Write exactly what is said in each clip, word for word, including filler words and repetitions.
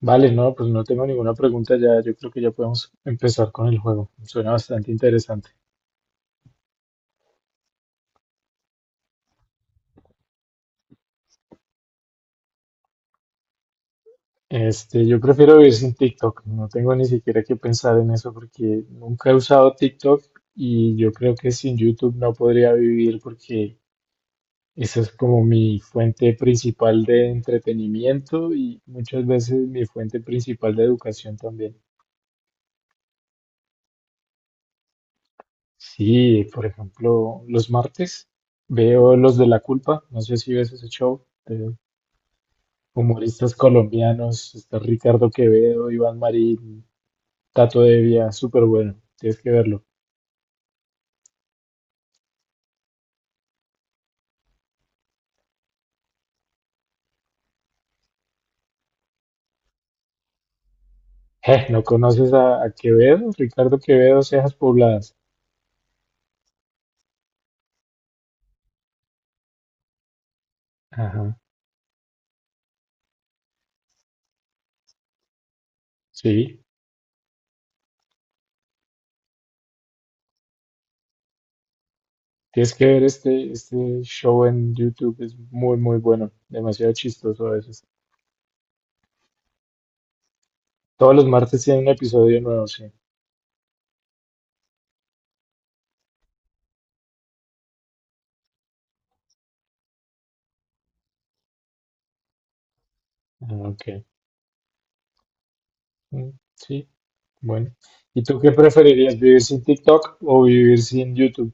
Vale, no, pues no tengo ninguna pregunta ya. Yo creo que ya podemos empezar con el juego. Suena bastante interesante. Este, yo prefiero vivir sin TikTok. No tengo ni siquiera que pensar en eso porque nunca he usado TikTok y yo creo que sin YouTube no podría vivir porque esa es como mi fuente principal de entretenimiento y muchas veces mi fuente principal de educación también. Sí, por ejemplo, los martes veo Los de la Culpa. No sé si ves ese show. Humoristas colombianos, está Ricardo Quevedo, Iván Marín, Tato Devia, súper bueno, tienes que verlo. Eh, ¿no conoces a, a Quevedo? Ricardo Quevedo, Cejas Pobladas. Ajá, sí, tienes que ver este, este show en YouTube, es muy, muy bueno, demasiado chistoso a veces. Todos los martes tiene un episodio nuevo, sí. Ah, ok. Mm, sí, bueno. ¿Y tú qué preferirías, vivir sin TikTok o vivir sin YouTube?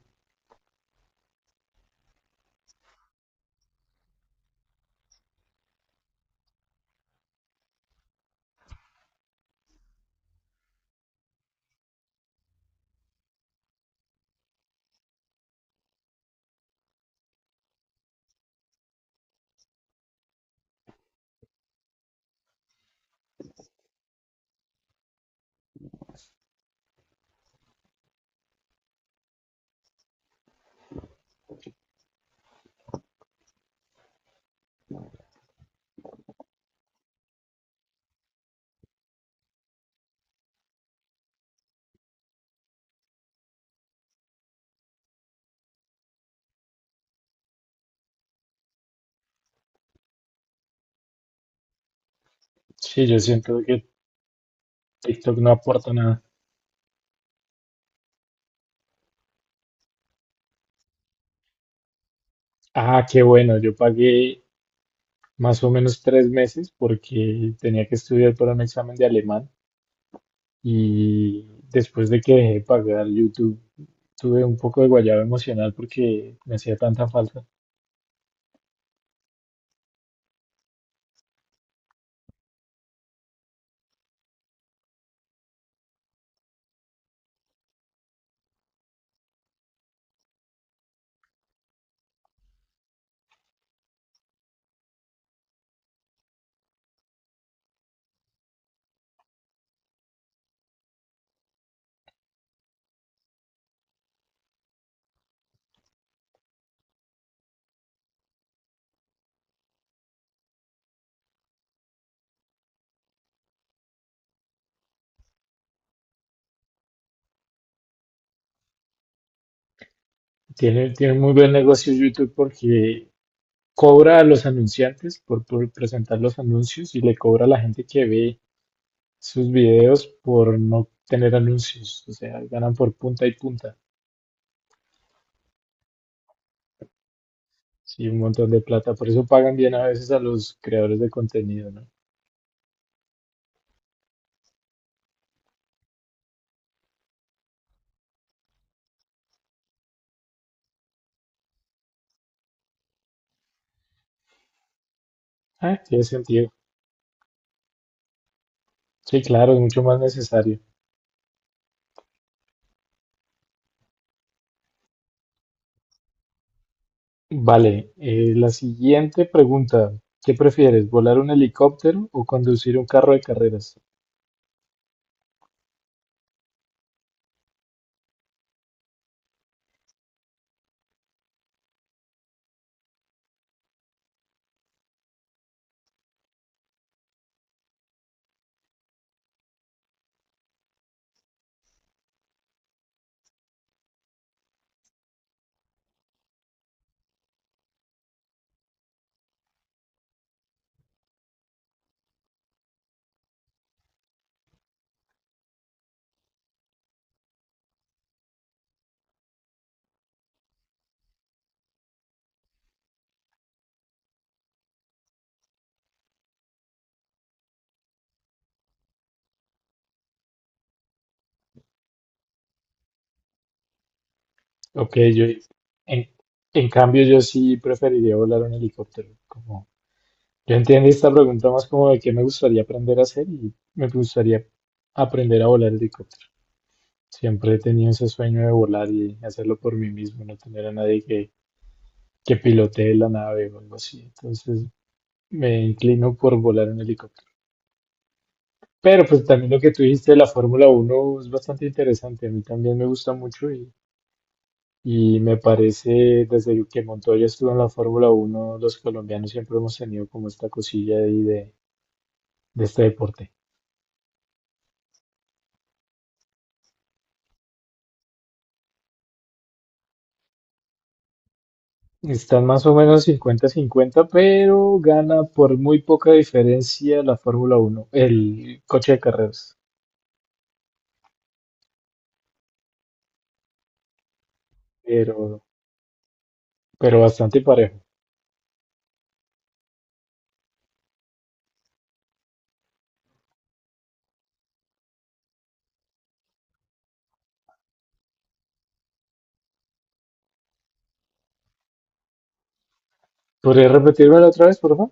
Sí, yo siento que TikTok no aporta nada. Ah, qué bueno, yo pagué más o menos tres meses porque tenía que estudiar para un examen de alemán y después de que dejé de pagar YouTube tuve un poco de guayaba emocional porque me hacía tanta falta. Tiene, tiene muy buen negocio YouTube porque cobra a los anunciantes por, por presentar los anuncios y le cobra a la gente que ve sus videos por no tener anuncios, o sea, ganan por punta y punta. Sí, un montón de plata, por eso pagan bien a veces a los creadores de contenido, ¿no? Ah, tiene sentido. Sí, claro, es mucho más necesario. Vale, eh, la siguiente pregunta. ¿Qué prefieres, volar un helicóptero o conducir un carro de carreras? Ok, yo en, en cambio yo sí preferiría volar un helicóptero. Como, yo entiendo esta pregunta más como de qué me gustaría aprender a hacer y me gustaría aprender a volar helicóptero. Siempre he tenido ese sueño de volar y hacerlo por mí mismo, no tener a nadie que, que pilotee la nave o algo así. Entonces me inclino por volar en helicóptero. Pero pues también lo que tú dijiste de la Fórmula Uno es bastante interesante. A mí también me gusta mucho y, y me parece, desde que Montoya estuvo en la Fórmula Uno los colombianos siempre hemos tenido como esta cosilla ahí de, de este deporte. Están más o menos cincuenta a cincuenta, pero gana por muy poca diferencia la Fórmula Uno, el coche de carreras. Pero, pero bastante parejo. ¿Podrías repetírmelo otra vez, por favor?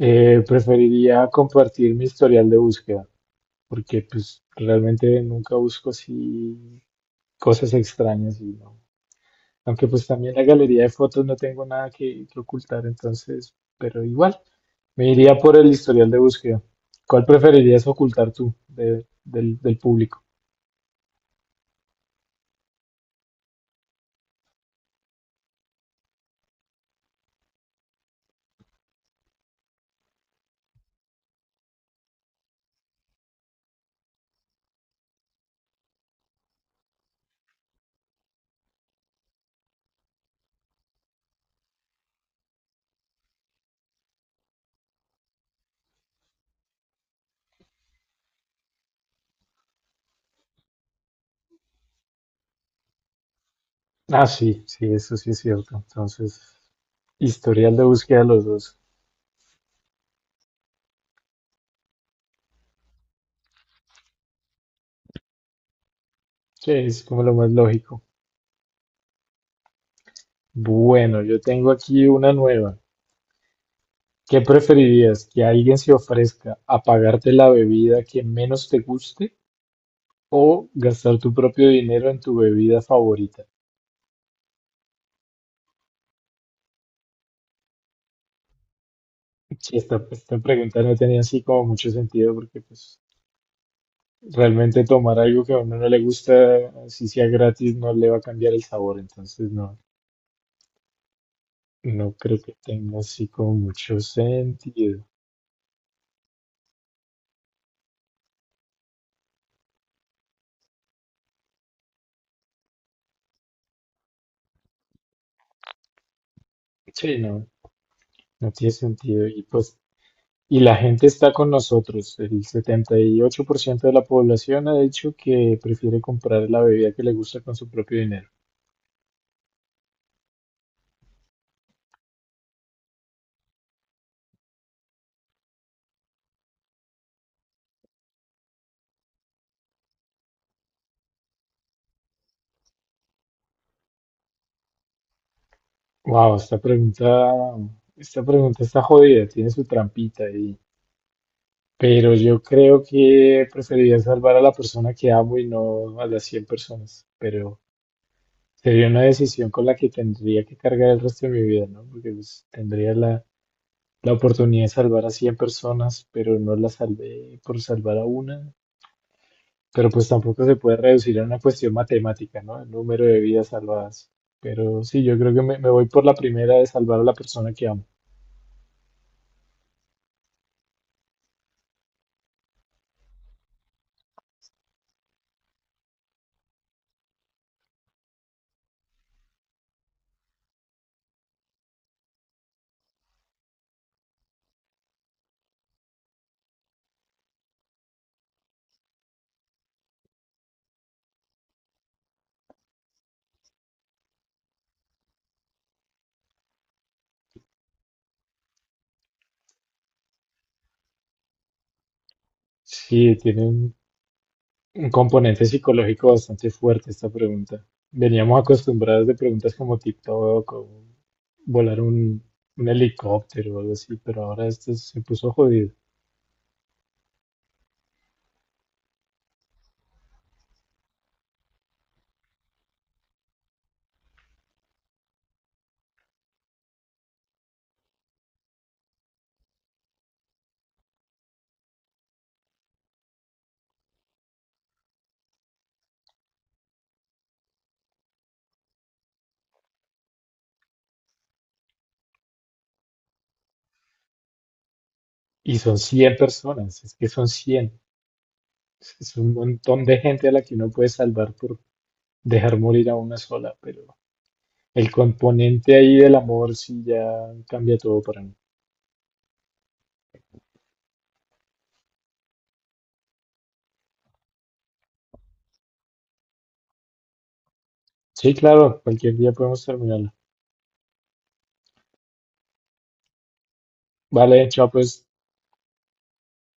Eh, preferiría compartir mi historial de búsqueda, porque pues realmente nunca busco así cosas extrañas y no. Aunque pues también la galería de fotos no tengo nada que, que ocultar, entonces, pero igual, me iría por el historial de búsqueda. ¿Cuál preferirías ocultar tú de- del, del público? Ah, sí, sí, eso sí es cierto. Entonces, historial de búsqueda los dos. Sí, es como lo más lógico. Bueno, yo tengo aquí una nueva. ¿Qué preferirías? ¿Que alguien se ofrezca a pagarte la bebida que menos te guste o gastar tu propio dinero en tu bebida favorita? Sí, esta, esta pregunta no tenía así como mucho sentido porque pues realmente tomar algo que a uno no le gusta, así sea gratis, no le va a cambiar el sabor. Entonces no, no creo que tenga así como mucho sentido. Sí, no, no tiene sentido. Y pues y la gente está con nosotros. El setenta y ocho por ciento de la población ha dicho que prefiere comprar la bebida que le gusta con su propio dinero. Wow, esta pregunta, esta pregunta está jodida, tiene su trampita ahí. Pero yo creo que preferiría salvar a la persona que amo y no a las cien personas. Pero sería una decisión con la que tendría que cargar el resto de mi vida, ¿no? Porque pues, tendría la, la oportunidad de salvar a cien personas, pero no la salvé por salvar a una. Pero pues tampoco se puede reducir a una cuestión matemática, ¿no? El número de vidas salvadas. Pero sí, yo creo que me, me voy por la primera de salvar a la persona que amo. Sí, tiene un, un componente psicológico bastante fuerte esta pregunta. Veníamos acostumbrados de preguntas como TikTok o volar un, un helicóptero o algo así, pero ahora esto se puso jodido. Y son cien personas, es que son cien. Es un montón de gente a la que uno puede salvar por dejar morir a una sola, pero el componente ahí del amor sí ya cambia todo para mí. Sí, claro, cualquier día podemos terminarla. Vale, chao pues.